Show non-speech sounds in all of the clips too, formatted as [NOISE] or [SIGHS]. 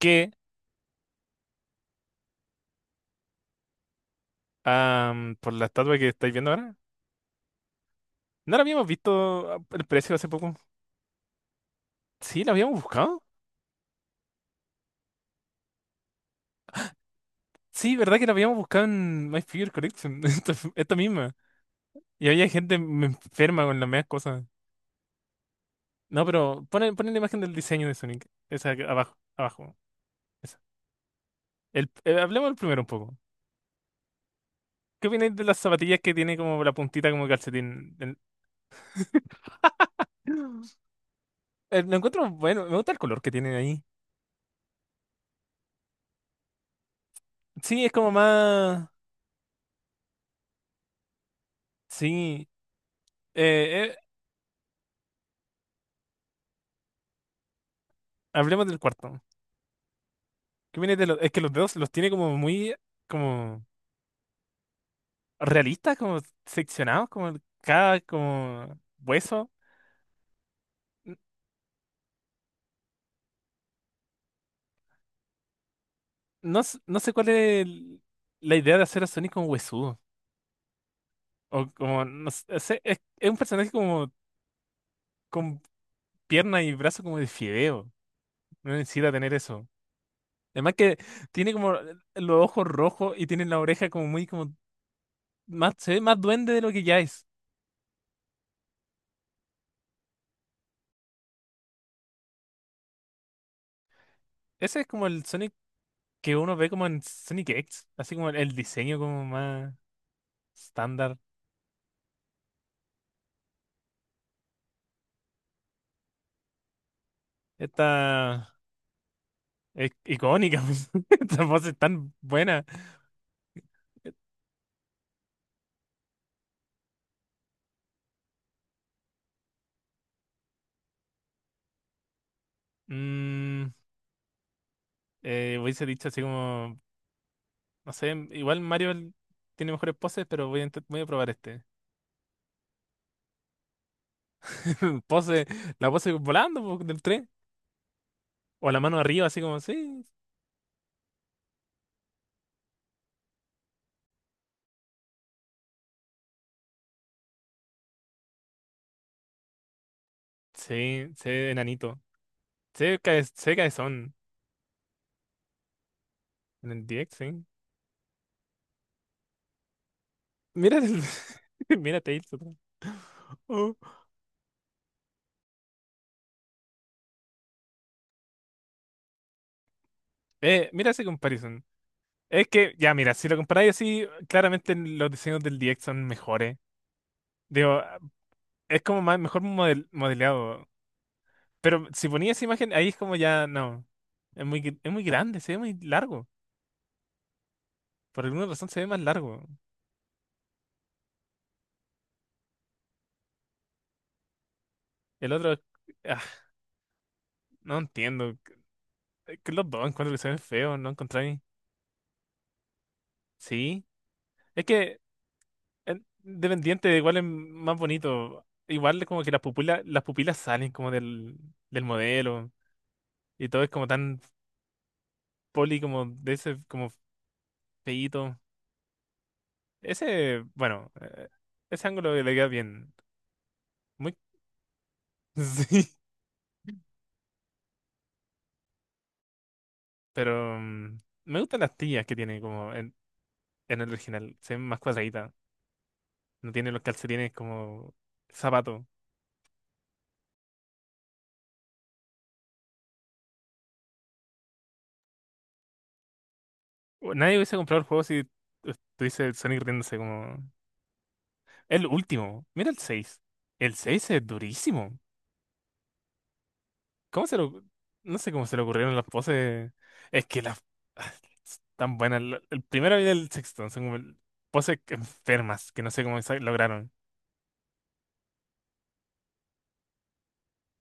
que por la estatua que estáis viendo ahora, ¿no la habíamos visto el precio hace poco? Sí, la habíamos buscado. Sí, verdad que la habíamos buscado en My Figure Collection, [LAUGHS] esta misma. Y había gente enferma con las mismas cosas. No, pero ponen la imagen del diseño de Sonic. Abajo, abajo. Esa. Hablemos del primero un poco. ¿Qué opináis de las zapatillas que tiene como la puntita como calcetín? El- [GASPS] lo encuentro bueno, me gusta el color que tiene ahí. Sí, es como más... Sí. Eh, eh, Hablemos del cuarto. ¿Qué viene de es que los dedos los tiene como muy como realistas, como seccionados, como cada como hueso. N- No, no sé cuál es la idea de hacer a Sonic como huesudo. O como, no sé, es un personaje como con pierna y brazo como de fideo. No necesita tener eso. Además que tiene como los ojos rojos y tiene la oreja como muy como más, se ve más duende de lo que ya es. Ese es como el Sonic que uno ve como en Sonic X, así como el diseño como más. Estándar. Esta es icónica. [LAUGHS] Pues. Esta voz es tan buena. Mm, hubiese dicho así como, no sé, igual Mario tiene mejores poses, pero voy a probar este. [LAUGHS] Pose, la pose volando po, del tren. O la mano arriba, así como, sí. Sí, sé enanito. Sé que sé cabezón en el DX, sí. Mira el- [LAUGHS] Mira Tails otra vez. Oh. Mira esa comparison. Es que, ya, mira, si lo comparáis así, claramente los diseños del DX son mejores. Digo, es como más, modelado. Pero si ponía esa imagen, ahí es como ya, no. Es muy, es muy grande, se ve muy largo. Por alguna razón se ve más largo. El otro, ah, no entiendo. Es que los dos encuentro que se ven feos, ¿no encontráis? Sí. Es que, Dependiente, igual es más bonito. Igual es como que las pupilas salen como del, del modelo. Y todo es como tan poli, como de ese, como feíto. Ese, ese ángulo le queda bien. Muy [LAUGHS] sí, pero me gustan las tías que tiene como en el original. Se ven más cuadraditas. No tiene los calcetines como zapato. Nadie hubiese comprado el juego si estuviese el Sonic riéndose como... El último. Mira el seis. El 6 es durísimo. ¿Cómo se lo... No sé cómo se le ocurrieron las poses. Es que las... [SIGHS] Tan buenas. El primero y el sexto son como poses enfermas que no sé cómo lograron.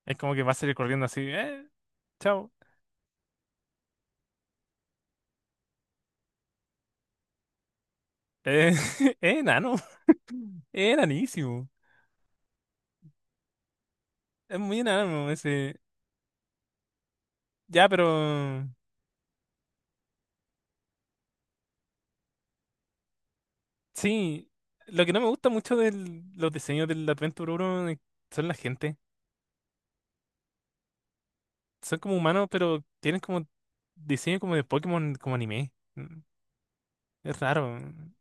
Es como que va a salir corriendo así. Chao. Eh, [LAUGHS] enano. Es enanísimo. Es muy enano ese. Ya, pero sí. Lo que no me gusta mucho de los diseños del Adventure 1 es- son la gente. Son como humanos, pero tienen como diseño como de Pokémon, como anime. Es raro.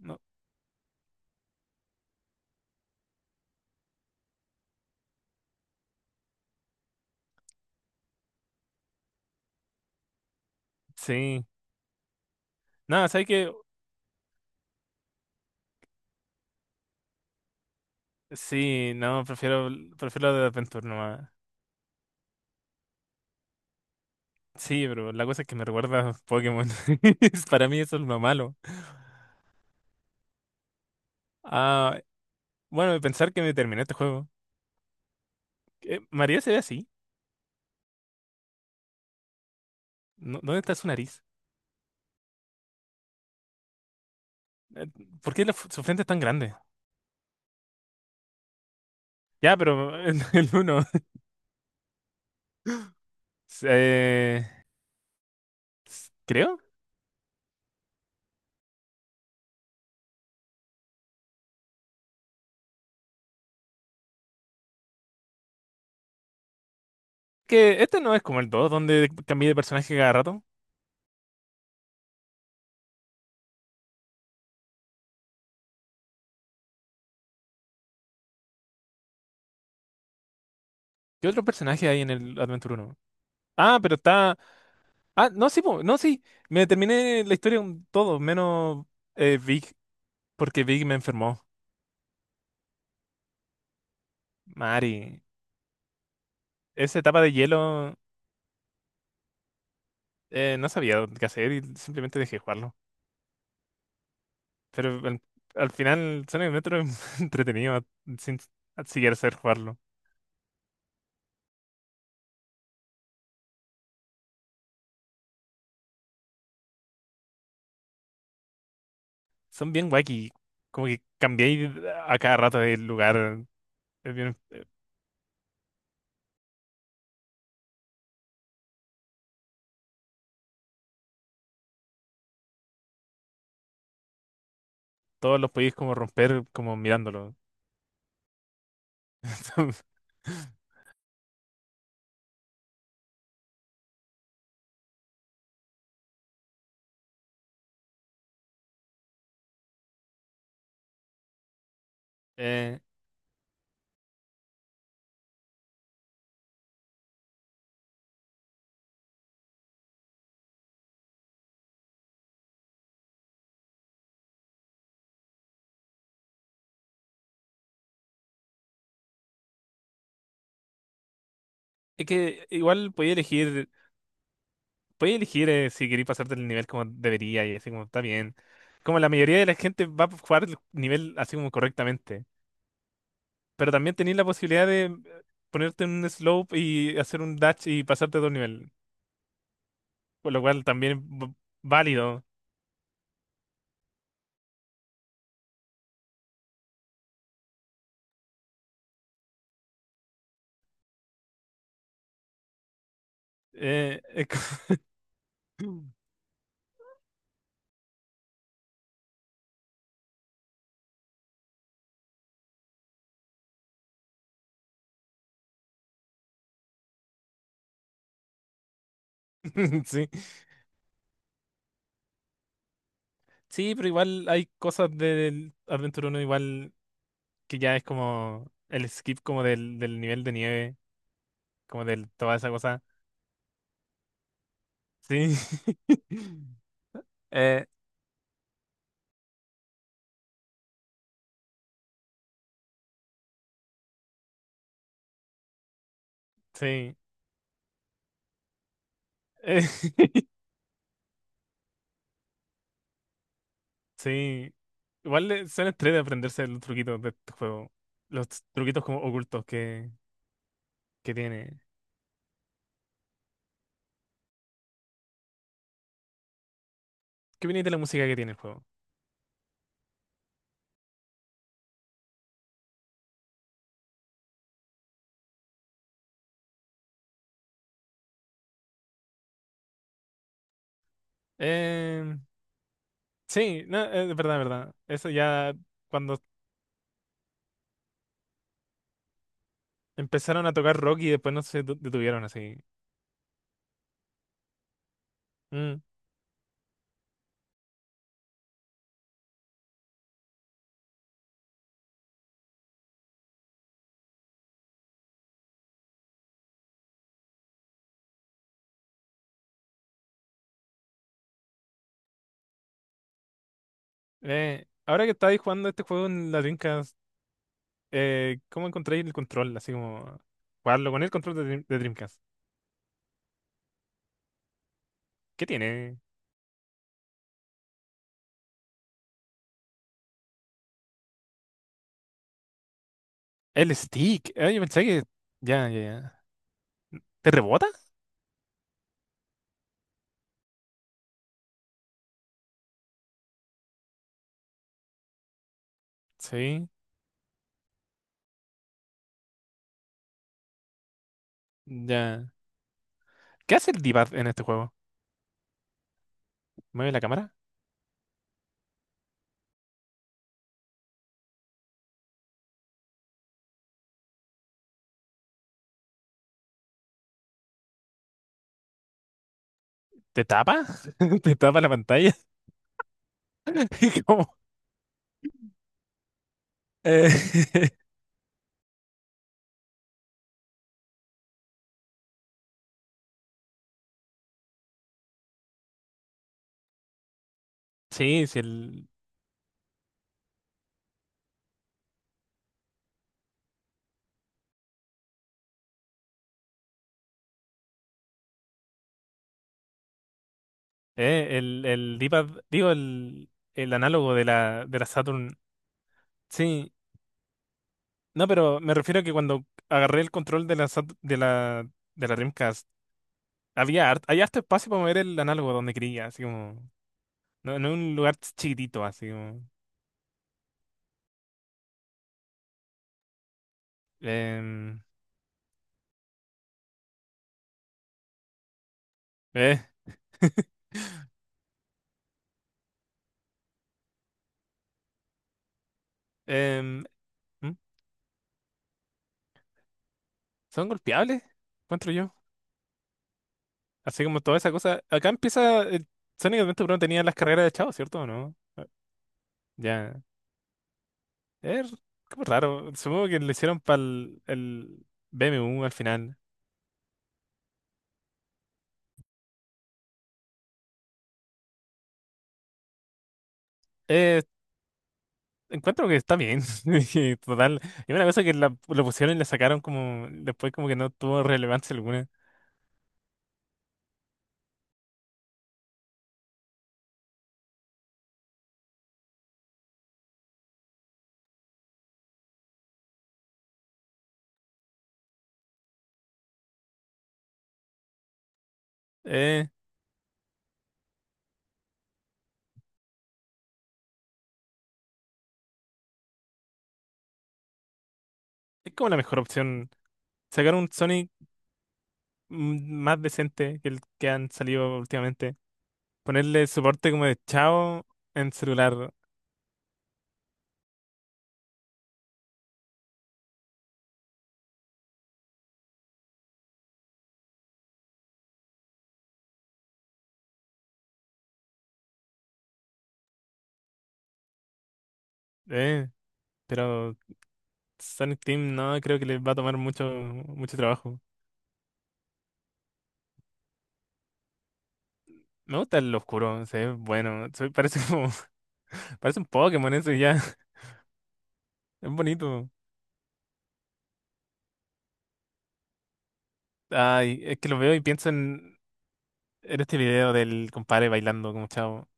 No, sí. No, ¿sabes qué? Sí, no, prefiero lo de Adventure nomás. Sí, pero la cosa es que me recuerda a Pokémon. [LAUGHS] Para mí eso es lo malo. Ah, bueno, pensar que me terminé este juego. ¿Qué? ¿María se ve así? ¿No- ¿Dónde está su nariz? Eh, ¿Por qué su frente es tan grande? Ya, pero el, [LAUGHS] el uno. Eh, Creo que este no es como el 2, donde cambié de personaje cada rato. ¿Qué otro personaje hay en el Adventure Uno? Ah, pero está. Ah, no, sí, po, no, sí. Me terminé la historia un todo, menos Vic, porque Vic me enfermó. Mari, esa etapa de hielo no sabía qué hacer y simplemente dejé jugarlo. Pero al final, Sonic Adventure es [LAUGHS] entretenido sin siquiera saber jugarlo. Son bien wacky. Como que cambiáis a cada rato de lugar. Es bien- todos los podéis como romper como mirándolo. [LAUGHS] Eh, es que podía elegir si queréis pasarte el nivel como debería y así como está bien. Como la mayoría de la gente va a jugar el nivel así como correctamente. Pero también tenéis la posibilidad de ponerte en un slope y hacer un dash y pasarte a otro nivel. Por lo cual también es válido. Eh, es co- [LAUGHS] sí. Sí, pero igual hay cosas del Adventure Uno igual que ya es como el skip como del, del nivel de nieve, como del toda esa cosa. Sí. [LAUGHS] Eh, sí. Eh, [LAUGHS] sí. Igual son estrés de aprenderse los truquitos de este juego. Los truquitos como ocultos que tiene. ¿Qué viene de la música que tiene el juego? Eh, sí, no, es verdad, es verdad. Eso ya cuando empezaron a tocar rock y después no se detu- detuvieron así. Mm. Ahora que estáis jugando este juego en la Dreamcast, ¿cómo encontráis el control? Así como jugarlo con el control de, de Dreamcast. ¿Qué tiene? El stick. Ah, yo pensé que. Ya. ¿Te rebota? Sí, ya. ¿Qué hace el d en este juego? ¿Mueve la cámara? ¿Te tapa? [LAUGHS] ¿Te tapa la pantalla? [LAUGHS] ¿Cómo? Eh, [LAUGHS] Sí, sí, el, el d digo, el análogo de de la Saturn. Sí, no, pero me refiero a que cuando agarré el control de la, Sat- de la Dreamcast, había hay harto espacio para mover el análogo donde quería, así como. No, no en un lugar chiquitito, así como. em, eh, [LAUGHS] em, ¿mm? ¿Son golpeables? Encuentro yo. Así como toda esa cosa. Acá empieza. El Sonic Adventure 1 tenía las carreras de Chao, ¿cierto o no? Ya. Es como raro. Supongo que lo hicieron para el BMW al final. Encuentro que está bien. [LAUGHS] y total. Y una cosa que la, lo pusieron y la sacaron como. Después, como que no tuvo relevancia alguna. Eh, es como la mejor opción. Sacar un Sonic más decente que el que han salido últimamente. Ponerle soporte como de Chao en celular. Eh, pero Sonic Team no creo que les va a tomar mucho trabajo. Me gusta el oscuro, se ve bueno. Parece como, [LAUGHS] parece un Pokémon eso y ya. [LAUGHS] Es bonito. Ay, es que lo veo y pienso en este video del compadre bailando como chavo.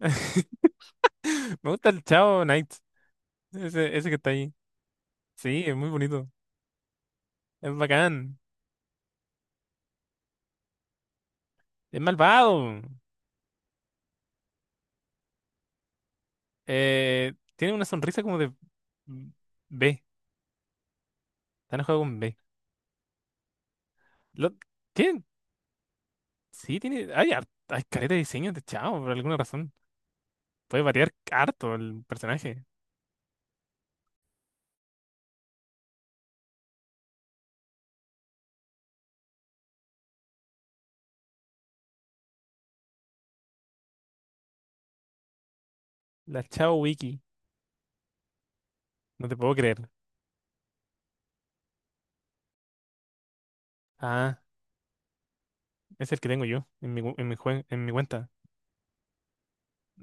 [LAUGHS] Me gusta el chavo Knight. Ese que está ahí. Sí, es muy bonito. Es bacán. Es malvado. Tiene una sonrisa como de B. Está enojado con B. Lo, tiene- sí, tiene. Hay, hay careta de diseños de chao por alguna razón. Puede variar harto el personaje. La chao wiki. No te puedo creer. Ah, es el que tengo yo en mi, gu- en mi, jue- en mi cuenta. [LAUGHS]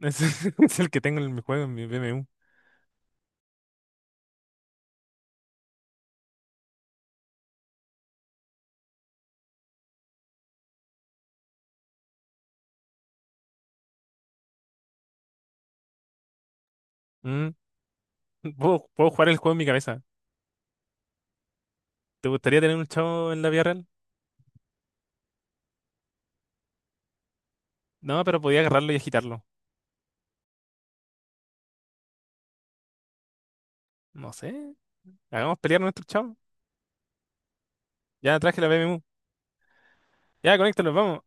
Es el que tengo en mi juego, en mi BMU. Puedo jugar el juego en mi cabeza. ¿Te gustaría tener un chavo en la vida real? No, pero podía agarrarlo y agitarlo. No sé. Hagamos pelear a nuestro chavo. Ya traje la BMU. Ya, conéctalo, vamos.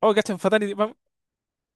Oh, cacha, fatality, vamos.